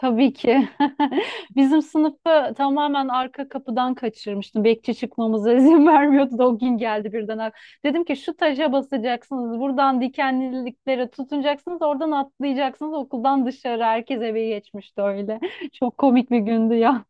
Tabii ki. Bizim sınıfı tamamen arka kapıdan kaçırmıştım. Bekçi çıkmamıza izin vermiyordu da o gün geldi birden. Dedim ki şu taşa basacaksınız, buradan dikenliliklere tutunacaksınız, oradan atlayacaksınız okuldan dışarı. Herkes eve geçmişti öyle. Çok komik bir gündü ya.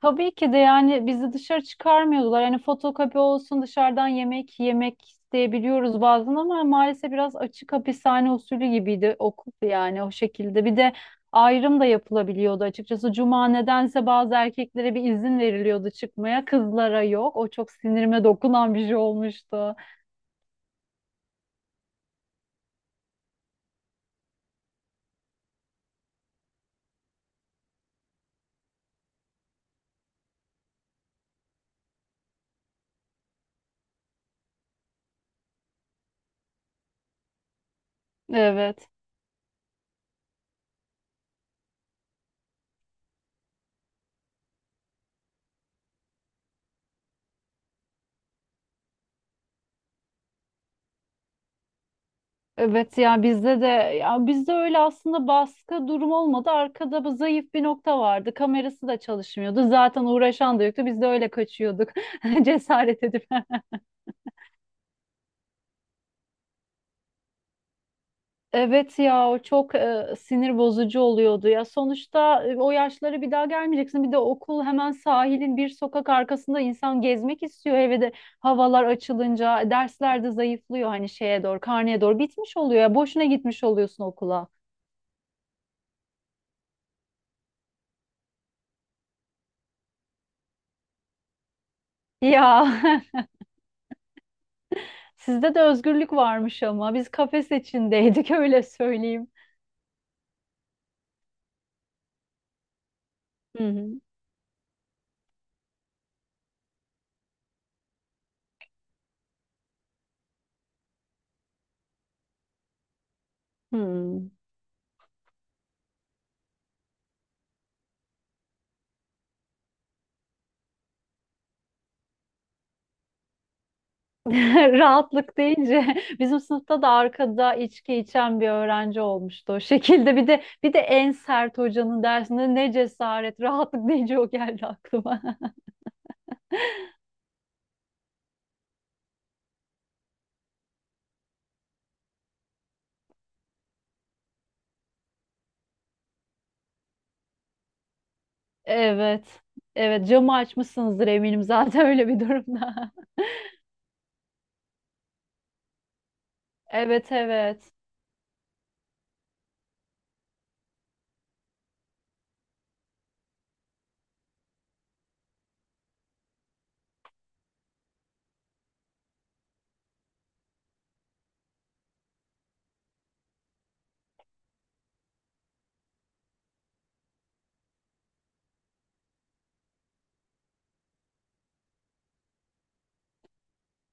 Tabii ki de yani bizi dışarı çıkarmıyordular. Yani fotokopi olsun dışarıdan yemek yemek isteyebiliyoruz bazen ama maalesef biraz açık hapishane usulü gibiydi okul yani o şekilde. Bir de ayrım da yapılabiliyordu açıkçası. Cuma nedense bazı erkeklere bir izin veriliyordu çıkmaya. Kızlara yok. O çok sinirime dokunan bir şey olmuştu. Evet. Evet ya bizde de ya bizde öyle aslında baskı durum olmadı. Arkada bu zayıf bir nokta vardı. Kamerası da çalışmıyordu. Zaten uğraşan da yoktu. Biz de öyle kaçıyorduk. Cesaret edip. Evet ya o çok sinir bozucu oluyordu ya. Sonuçta o yaşlara bir daha gelmeyeceksin. Bir de okul hemen sahilin bir sokak arkasında insan gezmek istiyor. Eve de havalar açılınca dersler de zayıflıyor hani şeye doğru, karneye doğru bitmiş oluyor ya. Boşuna gitmiş oluyorsun okula. Ya. Sizde de özgürlük varmış ama biz kafes içindeydik, öyle söyleyeyim. Hı hı. Hı. Rahatlık deyince bizim sınıfta da arkada içki içen bir öğrenci olmuştu o şekilde. Bir de en sert hocanın dersinde ne cesaret, rahatlık deyince o geldi aklıma. Evet. Evet, camı açmışsınızdır eminim zaten öyle bir durumda. Evet, evet.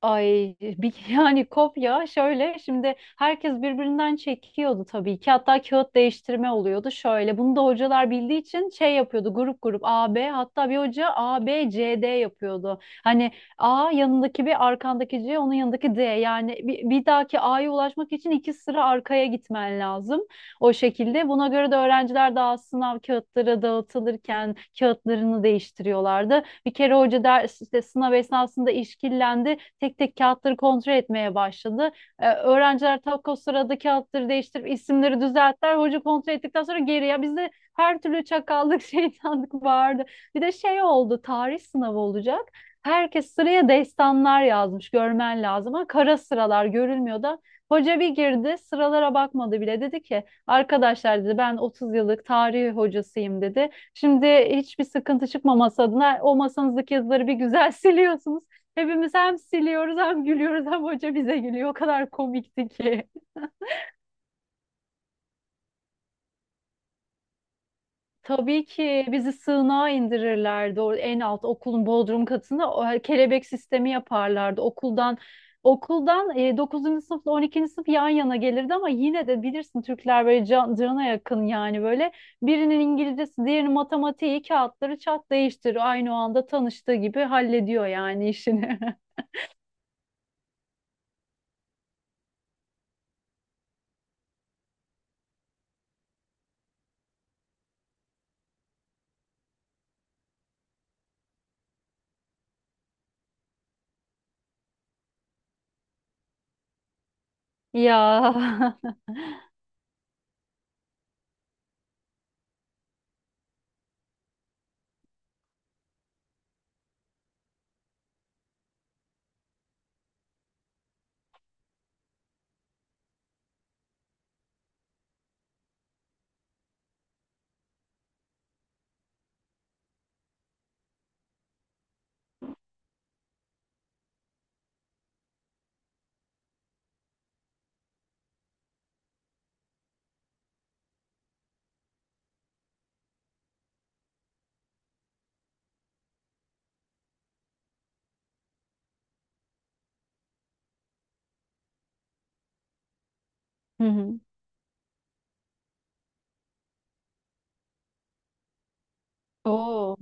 Yani kopya şöyle, şimdi herkes birbirinden çekiyordu tabii ki, hatta kağıt değiştirme oluyordu şöyle. Bunu da hocalar bildiği için şey yapıyordu: grup grup A B, hatta bir hoca A B C D yapıyordu. Hani A yanındaki, bir arkandaki C, onun yanındaki D, yani bir dahaki A'ya ulaşmak için iki sıra arkaya gitmen lazım, o şekilde. Buna göre de öğrenciler daha sınav kağıtları dağıtılırken kağıtlarını değiştiriyorlardı. Bir kere hoca ders, işte sınav esnasında işkillendi, tek tek kağıtları kontrol etmeye başladı. Öğrenciler tak o sırada kağıtları değiştirip isimleri düzelttiler. Hoca kontrol ettikten sonra geri, ya bizde her türlü çakallık, şeytanlık vardı. Bir de şey oldu, tarih sınavı olacak. Herkes sıraya destanlar yazmış, görmen lazım. Ama kara sıralar görülmüyor da. Hoca bir girdi, sıralara bakmadı bile. Dedi ki, arkadaşlar, dedi, ben 30 yıllık tarih hocasıyım, dedi. Şimdi hiçbir sıkıntı çıkmaması adına o masanızdaki yazıları bir güzel siliyorsunuz. Hepimiz hem siliyoruz, hem gülüyoruz, hem hoca bize gülüyor. O kadar komikti ki. Tabii ki bizi sığınağa indirirlerdi. O en alt okulun bodrum katına o kelebek sistemi yaparlardı. Okuldan 9. sınıfla 12. sınıf yan yana gelirdi, ama yine de bilirsin Türkler böyle can, cana yakın. Yani böyle birinin İngilizcesi, diğerinin matematiği, kağıtları çat değiştir, aynı o anda tanıştığı gibi hallediyor yani işini. Ya. Hı hı. Oo.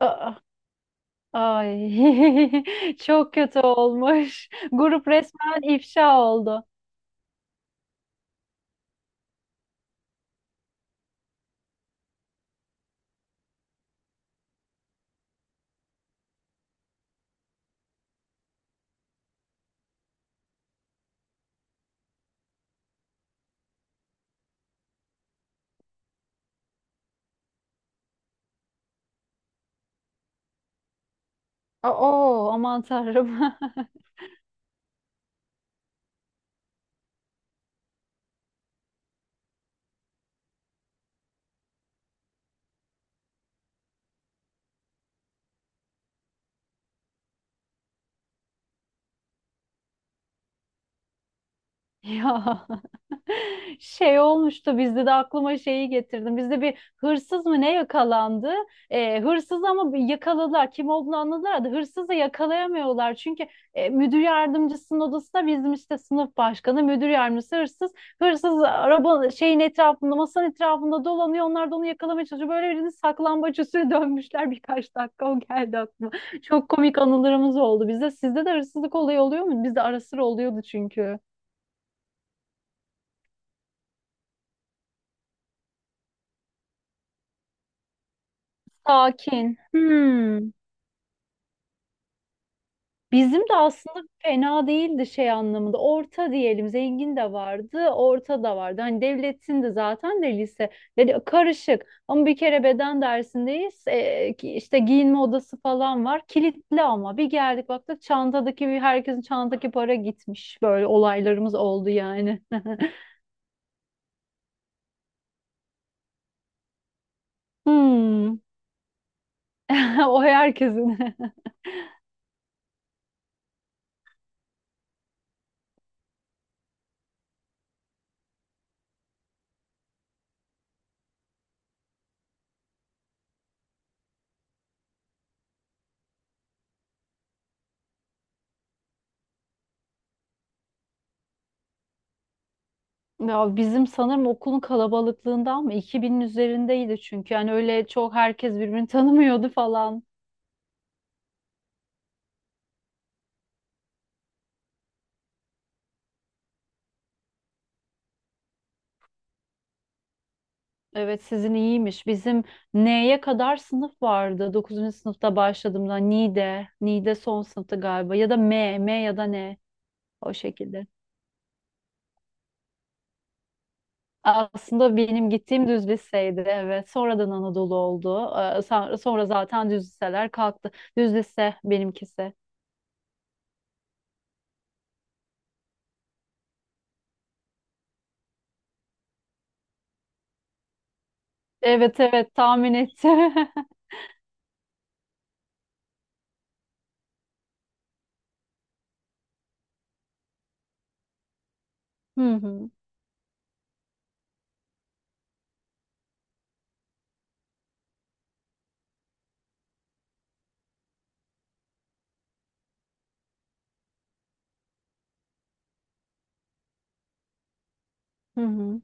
Aa. Ay, çok kötü olmuş. Grup resmen ifşa oldu. Oo, aman tanrım. Ya. Şey olmuştu bizde de, aklıma şeyi getirdim. Bizde bir hırsız mı ne yakalandı? Hırsız ama bir yakaladılar. Kim olduğunu anladılar da hırsızı yakalayamıyorlar. Çünkü müdür yardımcısının odasında bizim işte sınıf başkanı, müdür yardımcısı, hırsız. Hırsız araba şeyin etrafında, masanın etrafında dolanıyor. Onlar da onu yakalamaya çalışıyor. Böyle birini saklambaç usulü dönmüşler birkaç dakika. O geldi aklıma. Çok komik anılarımız oldu bizde. Sizde de hırsızlık olayı oluyor mu? Bizde ara sıra oluyordu çünkü. Sakin. Hmm. Bizim de aslında fena değildi şey anlamında. Orta diyelim, zengin de vardı, orta da vardı. Hani devletin de zaten de lise, yani karışık. Ama bir kere beden dersindeyiz. İşte giyinme odası falan var. Kilitli, ama bir geldik baktık çantadaki, bir herkesin çantadaki para gitmiş. Böyle olaylarımız oldu yani. Hmm. O herkesin. Ya bizim sanırım okulun kalabalıklığından mı? 2000'in üzerindeydi çünkü. Yani öyle çok herkes birbirini tanımıyordu falan. Evet, sizin iyiymiş. Bizim N'ye kadar sınıf vardı. 9. sınıfta başladığımda Ni'de, son sınıfta galiba ya da M, ya da N, o şekilde. Aslında benim gittiğim düz liseydi, evet. Sonradan Anadolu oldu. Sonra zaten düz liseler kalktı. Düz lise benimkisi. Evet, evet, tahmin ettim. Hı hı. Hı hı.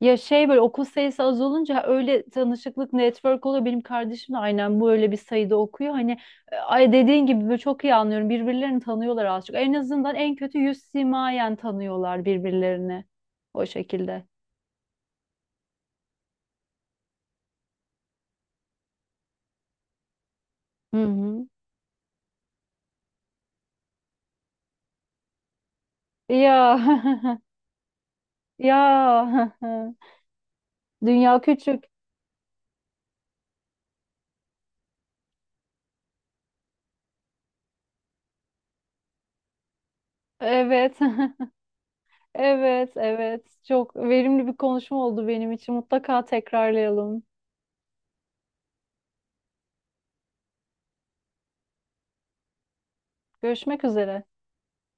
Ya şey, böyle okul sayısı az olunca öyle tanışıklık, network oluyor. Benim kardeşim de aynen bu, öyle bir sayıda okuyor. Hani ay dediğin gibi, böyle çok iyi anlıyorum. Birbirlerini tanıyorlar az çok. En azından en kötü yüz simayen tanıyorlar birbirlerini, o şekilde. Hı hı. Ya. Ya. Dünya küçük. Evet. Evet, evet. Çok verimli bir konuşma oldu benim için. Mutlaka tekrarlayalım. Görüşmek üzere.